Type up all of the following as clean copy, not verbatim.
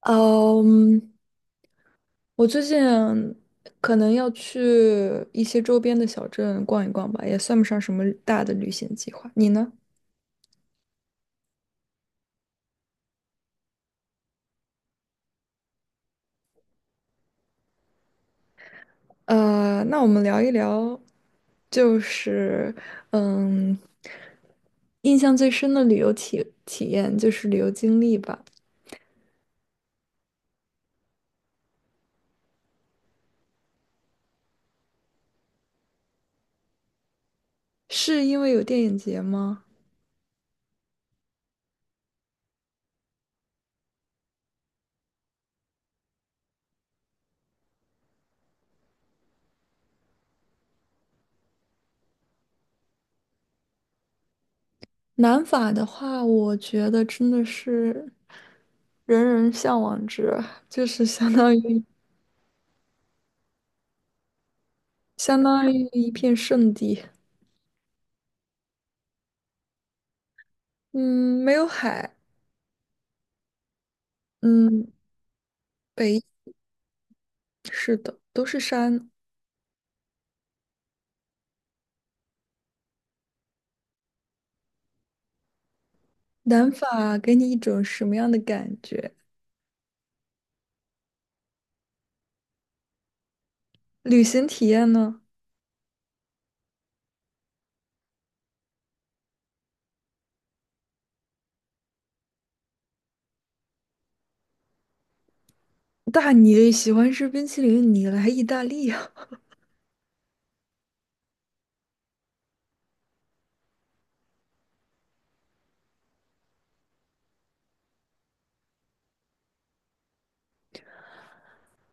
嗯，我最近可能要去一些周边的小镇逛一逛吧，也算不上什么大的旅行计划。你呢？那我们聊一聊，就是嗯，印象最深的旅游体验就是旅游经历吧。是因为有电影节吗？南法的话，我觉得真的是人人向往之，就是相当于一片圣地。嗯，没有海，嗯，北是的，都是山。南法给你一种什么样的感觉？旅行体验呢？大你喜欢吃冰淇淋，你来意大利啊？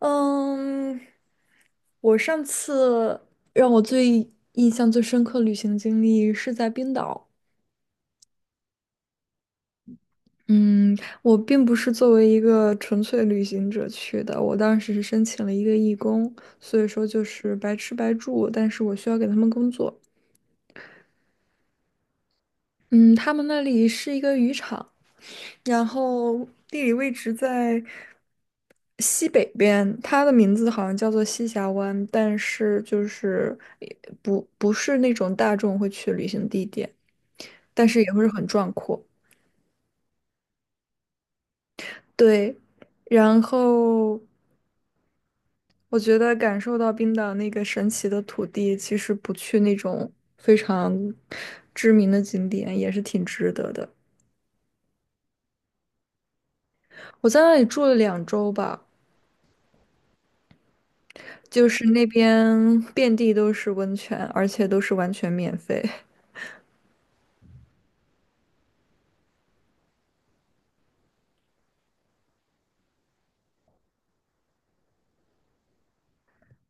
嗯，我上次让我最印象最深刻旅行经历是在冰岛。嗯，我并不是作为一个纯粹旅行者去的，我当时是申请了一个义工，所以说就是白吃白住，但是我需要给他们工作。嗯，他们那里是一个渔场，然后地理位置在西北边，它的名字好像叫做西峡湾，但是就是也不是那种大众会去旅行地点，但是也会很壮阔。对，然后我觉得感受到冰岛那个神奇的土地，其实不去那种非常知名的景点也是挺值得的。我在那里住了2周吧。就是那边遍地都是温泉，而且都是完全免费。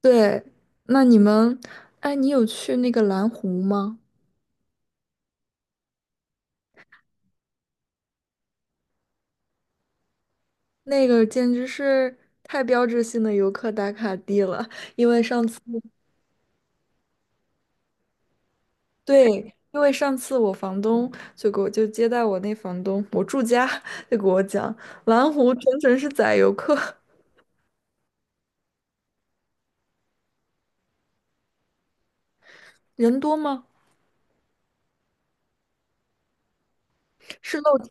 对，那你们，哎，你有去那个蓝湖吗？那个简直是太标志性的游客打卡地了。因为上次，对，因为上次我房东就给我就接待我那房东，我住家就给我讲，蓝湖整整是宰游客，人多吗？是露天。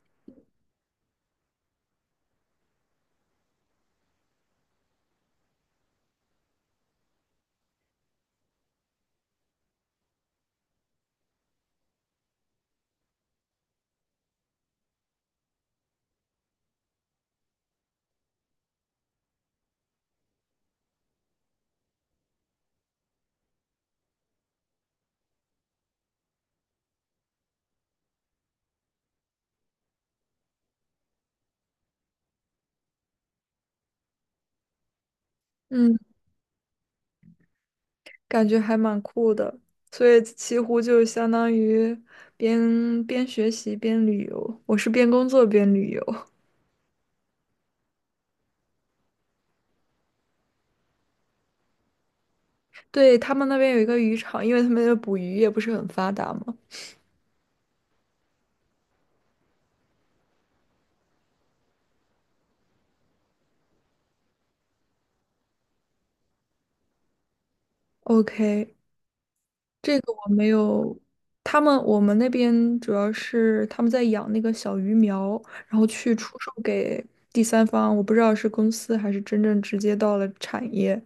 嗯感觉还蛮酷的。所以西湖就相当于边学习边旅游，我是边工作边旅游。对，他们那边有一个渔场，因为他们的捕鱼业不是很发达嘛。OK，这个我没有。他们我们那边主要是他们在养那个小鱼苗，然后去出售给第三方，我不知道是公司还是真正直接到了产业。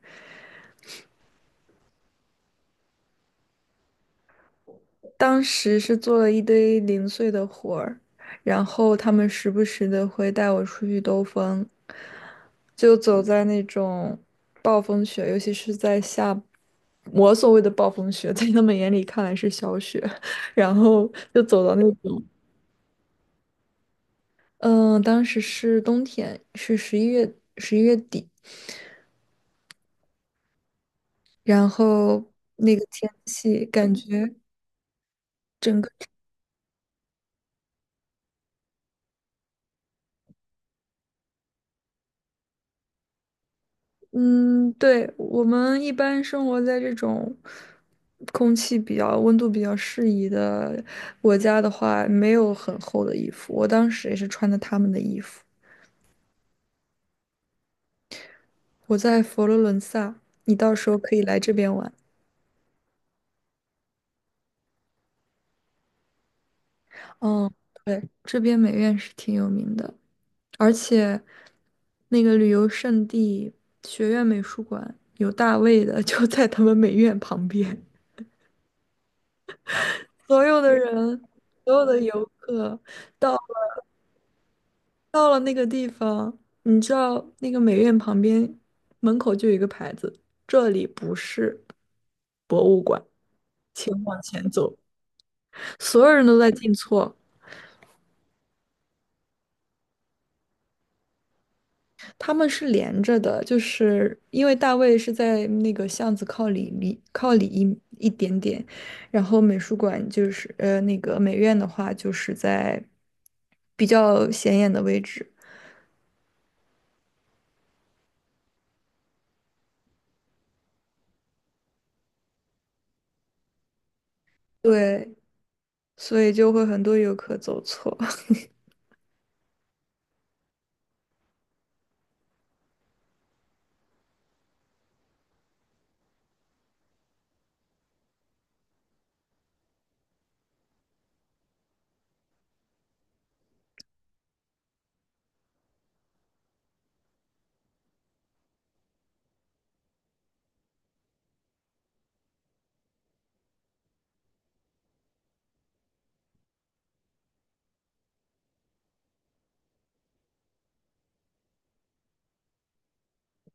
当时是做了一堆零碎的活儿，然后他们时不时的会带我出去兜风，就走在那种暴风雪，尤其是在下，我所谓的暴风雪，在他们眼里看来是小雪，然后就走到那种，嗯，当时是冬天，是十一月底，然后那个天气感觉。嗯，对，我们一般生活在这种空气比较、温度比较适宜的国家的话，没有很厚的衣服。我当时也是穿的他们的衣服。我在佛罗伦萨，你到时候可以来这边玩。嗯，对，这边美院是挺有名的，而且那个旅游胜地学院美术馆有大卫的，就在他们美院旁边。所有的人，所有的游客。到。到了那个地方，你知道那个美院旁边门口就有一个牌子，这里不是博物馆，请往前走。所有人都在进错，他们是连着的，就是因为大卫是在那个巷子靠里一点点，然后美术馆就是那个美院的话就是在比较显眼的位置，对，所以就会很多游客走错。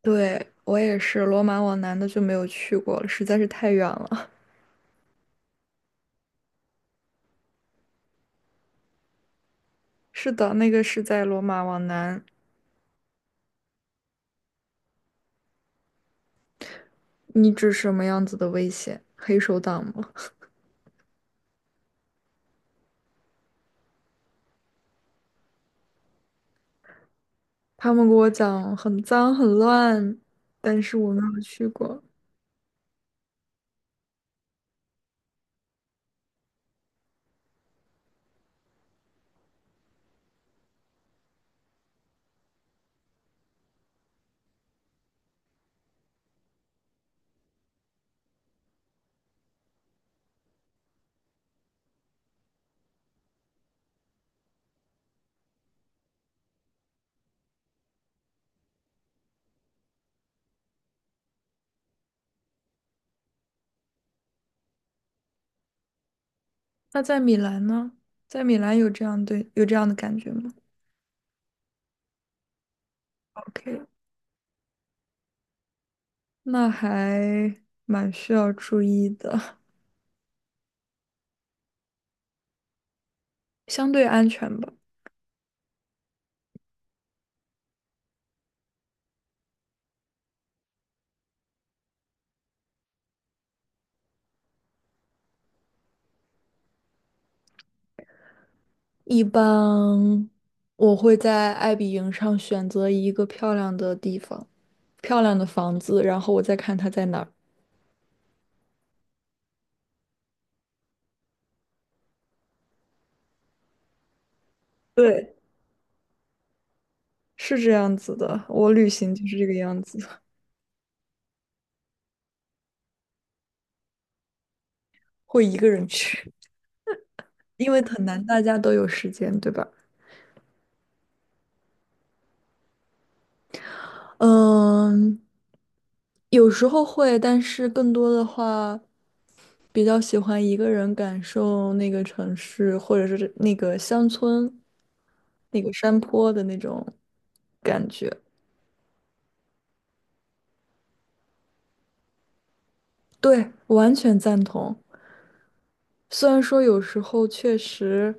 对，我也是，罗马往南的就没有去过了，实在是太远了。是的，那个是在罗马往南。你指什么样子的危险？黑手党吗？他们给我讲很脏很乱，但是我没有去过。那在米兰呢？在米兰有这样对，有这样的感觉吗？OK，那还蛮需要注意的，相对安全吧。一般我会在爱彼迎上选择一个漂亮的地方，漂亮的房子，然后我再看它在哪儿。对，是这样子的，我旅行就是这个样子，会一个人去，因为很难大家都有时间，对吧？嗯，有时候会，但是更多的话，比较喜欢一个人感受那个城市，或者是那个乡村、那个山坡的那种感觉。对，完全赞同。虽然说有时候确实，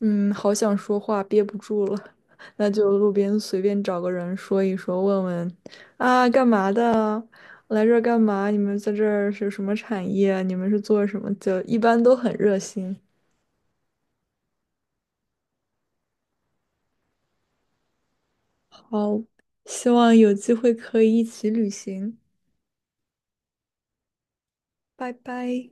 好想说话憋不住了，那就路边随便找个人说一说，问问啊，干嘛的啊？来这儿干嘛？你们在这儿是什么产业？你们是做什么？就一般都很热心。好，希望有机会可以一起旅行。拜拜。